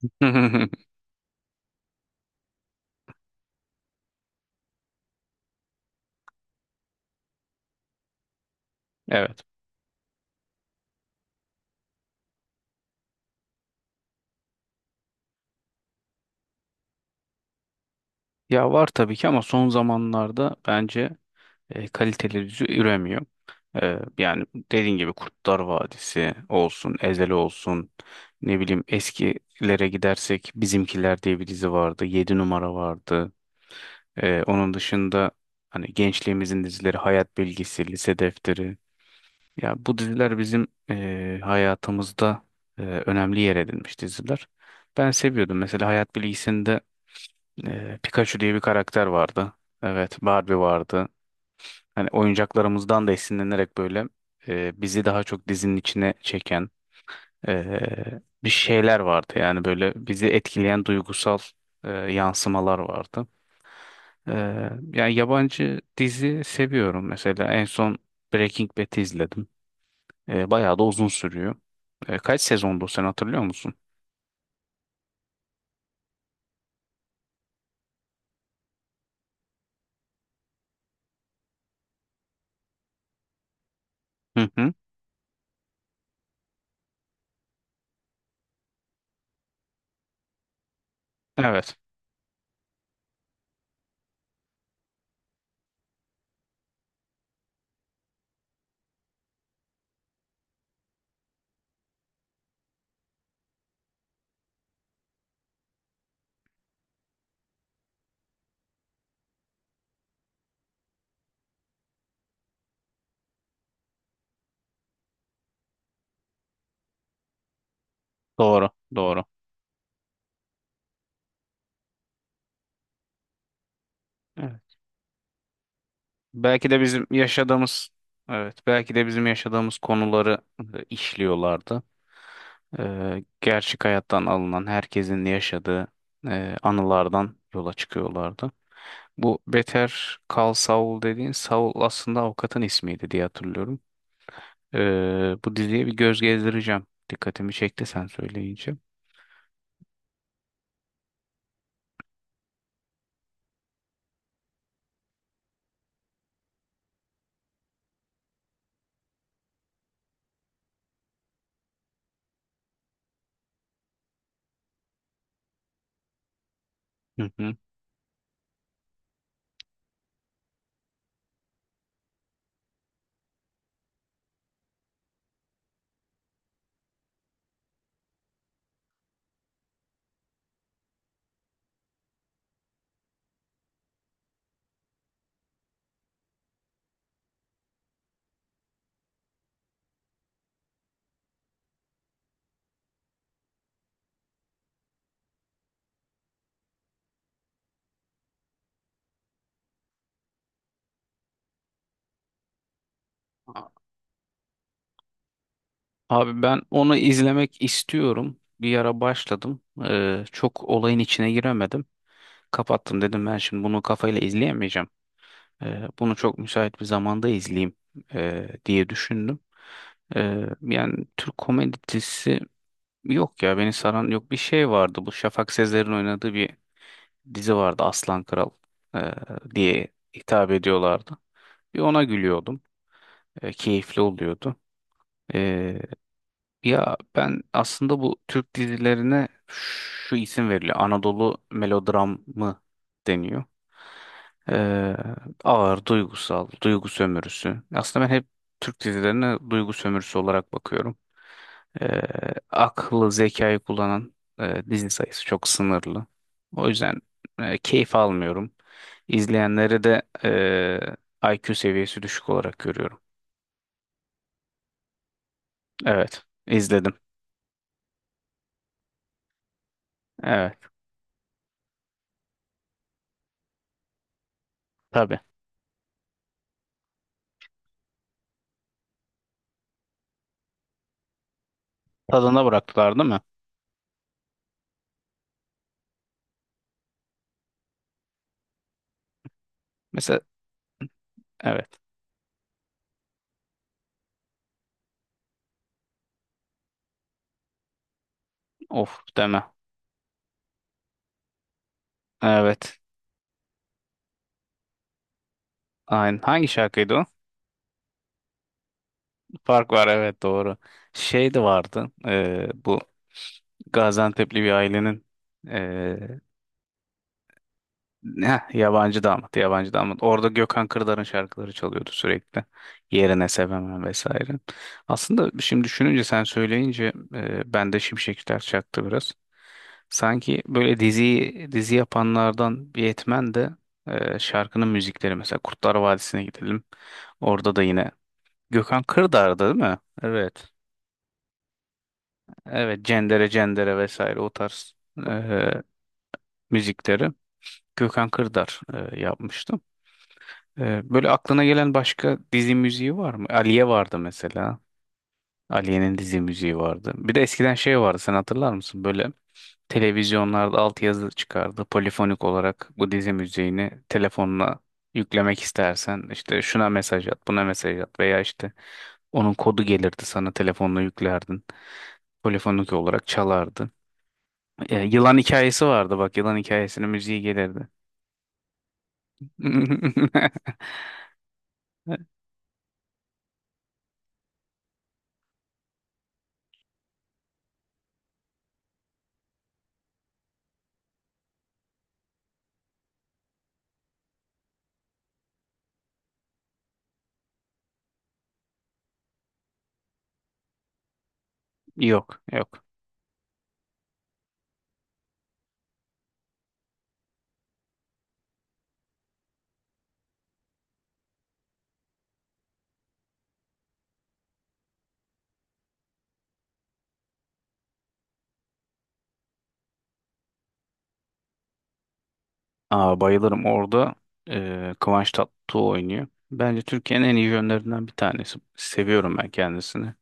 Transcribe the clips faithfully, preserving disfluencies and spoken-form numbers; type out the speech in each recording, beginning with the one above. Evet. Ya var tabii ki ama son zamanlarda bence e, kaliteli dizi üremiyor. E, yani dediğin gibi Kurtlar Vadisi olsun, Ezel olsun, ne bileyim eskilere gidersek Bizimkiler diye bir dizi vardı, Yedi numara vardı. E, onun dışında hani gençliğimizin dizileri Hayat Bilgisi, Lise Defteri. Ya bu diziler bizim e, hayatımızda e, önemli yer edinmiş diziler. Ben seviyordum. Mesela Hayat Bilgisi'nde Ee, Pikachu diye bir karakter vardı. Evet, Barbie vardı. Hani oyuncaklarımızdan da esinlenerek böyle e, bizi daha çok dizinin içine çeken e, bir şeyler vardı. Yani böyle bizi etkileyen duygusal e, yansımalar vardı. E, Yani yabancı dizi seviyorum. Mesela en son Breaking Bad'i izledim. E, bayağı da uzun sürüyor. E, kaç sezondu sen hatırlıyor musun? Hı hı. Evet. Doğru. Doğru. Evet. Belki de bizim yaşadığımız evet belki de bizim yaşadığımız konuları e, işliyorlardı. E, gerçek hayattan alınan herkesin yaşadığı e, anılardan yola çıkıyorlardı. Bu Better Call Saul dediğin Saul aslında avukatın ismiydi diye hatırlıyorum. Ee, bu diziye bir göz gezdireceğim. Dikkatimi çekti sen söyleyince. Hı hı. Abi ben onu izlemek istiyorum. Bir ara başladım. Ee, çok olayın içine giremedim. Kapattım dedim ben şimdi bunu kafayla izleyemeyeceğim. Ee, bunu çok müsait bir zamanda izleyeyim ee, diye düşündüm. Ee, yani Türk komedi dizisi yok ya beni saran yok. Bir şey vardı, bu Şafak Sezer'in oynadığı bir dizi vardı, Aslan Kral ee, diye hitap ediyorlardı. Bir ona gülüyordum. Ee, keyifli oluyordu. E, Ya ben aslında bu Türk dizilerine şu isim veriliyor: Anadolu melodramı deniyor. Ee, Ağır, duygusal, duygu sömürüsü. Aslında ben hep Türk dizilerine duygu sömürüsü olarak bakıyorum. Ee, Aklı, zekayı kullanan e, dizi sayısı çok sınırlı. O yüzden e, keyif almıyorum. İzleyenleri de e, I Q seviyesi düşük olarak görüyorum. Evet, izledim. Evet, tabii. Tadına bıraktılar değil mi? Mesela evet. Of deme. Evet. Aynen. Hangi şarkıydı o? Fark var, evet, doğru. Şey de vardı. E, bu Gaziantep'li bir ailenin. Ne? Yabancı damat, yabancı damat. Orada Gökhan Kırdar'ın şarkıları çalıyordu sürekli. Yerine sevemem vesaire. Aslında şimdi düşününce sen söyleyince e, bende şimşekler çaktı biraz. Sanki böyle dizi dizi yapanlardan bir yetmen de e, şarkının müzikleri, mesela Kurtlar Vadisi'ne gidelim. Orada da yine Gökhan Kırdar'dı değil mi? Evet. Evet, Cendere Cendere vesaire o tarz e, müzikleri Gökhan Kırdar e, yapmıştı. Ee, böyle aklına gelen başka dizi müziği var mı? Aliye vardı mesela. Aliye'nin dizi müziği vardı. Bir de eskiden şey vardı, sen hatırlar mısın? Böyle televizyonlarda altyazı çıkardı. Polifonik olarak bu dizi müziğini telefonuna yüklemek istersen işte şuna mesaj at, buna mesaj at veya işte onun kodu gelirdi, sana telefonla yüklerdin. Polifonik olarak çalardı. Ee, yılan hikayesi vardı, bak yılan hikayesinin müziği gelirdi. Yok, yok. Aa, bayılırım orada. eee Kıvanç Tatlıtuğ oynuyor. Bence Türkiye'nin en iyi yönlerinden bir tanesi. Seviyorum ben kendisini.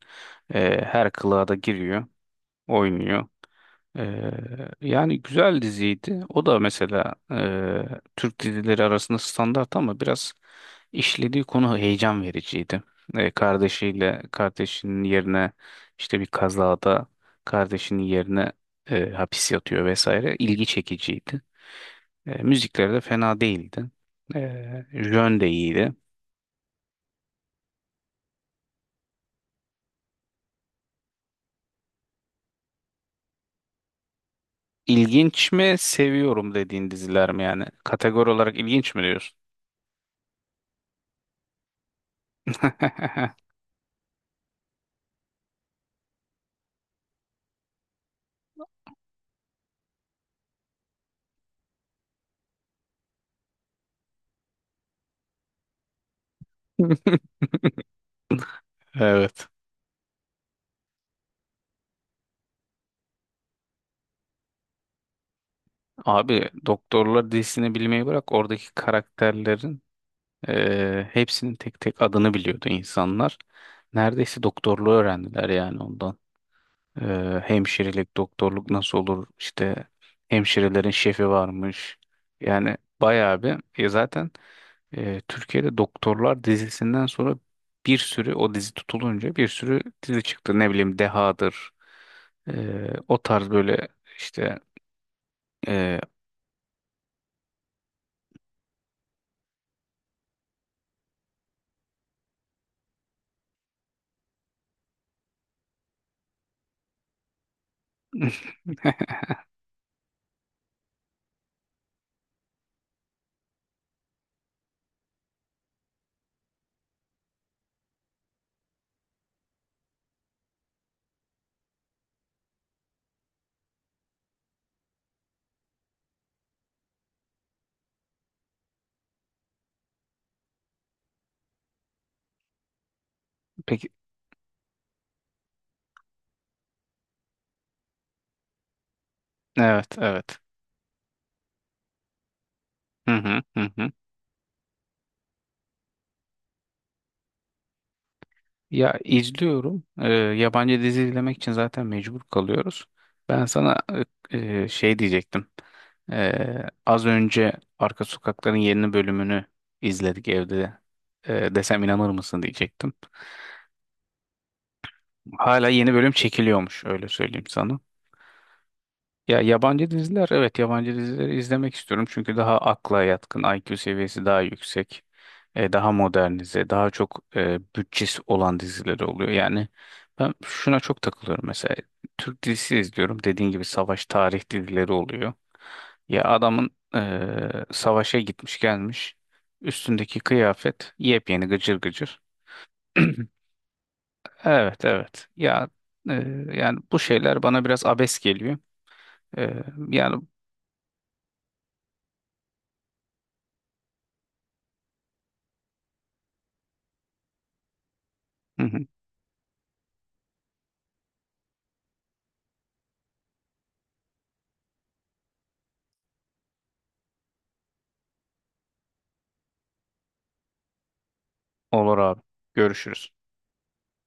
Eee, her kılığa da giriyor, oynuyor. Ee, Yani güzel diziydi. O da mesela e, Türk dizileri arasında standart ama biraz işlediği konu heyecan vericiydi. E, kardeşiyle kardeşinin yerine işte bir kazada kardeşinin yerine e, hapis yatıyor vesaire. İlgi çekiciydi. E, müzikleri de fena değildi. E, jön de iyiydi. İlginç mi, seviyorum dediğin diziler mi yani? Kategori olarak ilginç mi diyorsun? Evet. Abi doktorlar dizisini bilmeyi bırak, oradaki karakterlerin eee, hepsinin tek tek adını biliyordu insanlar. Neredeyse doktorluğu öğrendiler yani ondan. Eee, hemşirelik, doktorluk nasıl olur, işte hemşirelerin şefi varmış. Yani bayağı bir e, zaten eee, Türkiye'de doktorlar dizisinden sonra bir sürü, o dizi tutulunca bir sürü dizi çıktı. Ne bileyim Deha'dır eee, o tarz böyle işte eee, peki evet, evet. Hı hı hı hı. Ya izliyorum. Ee, yabancı dizi izlemek için zaten mecbur kalıyoruz. Ben sana e, e, şey diyecektim. Ee, az önce Arka Sokakların yeni bölümünü izledik evde. Ee, desem inanır mısın diyecektim. Hala yeni bölüm çekiliyormuş, öyle söyleyeyim sana. Ya yabancı diziler, evet yabancı dizileri izlemek istiyorum çünkü daha akla yatkın, I Q seviyesi daha yüksek, e, daha modernize, daha çok e, bütçesi olan dizileri oluyor. Yani ben şuna çok takılıyorum mesela, Türk dizisi izliyorum, dediğin gibi savaş tarih dizileri oluyor, ya adamın e, savaşa gitmiş gelmiş, üstündeki kıyafet yepyeni gıcır gıcır. Evet, evet ya, e, yani bu şeyler bana biraz abes geliyor. E, yani Hı hı. Olur abi. Görüşürüz.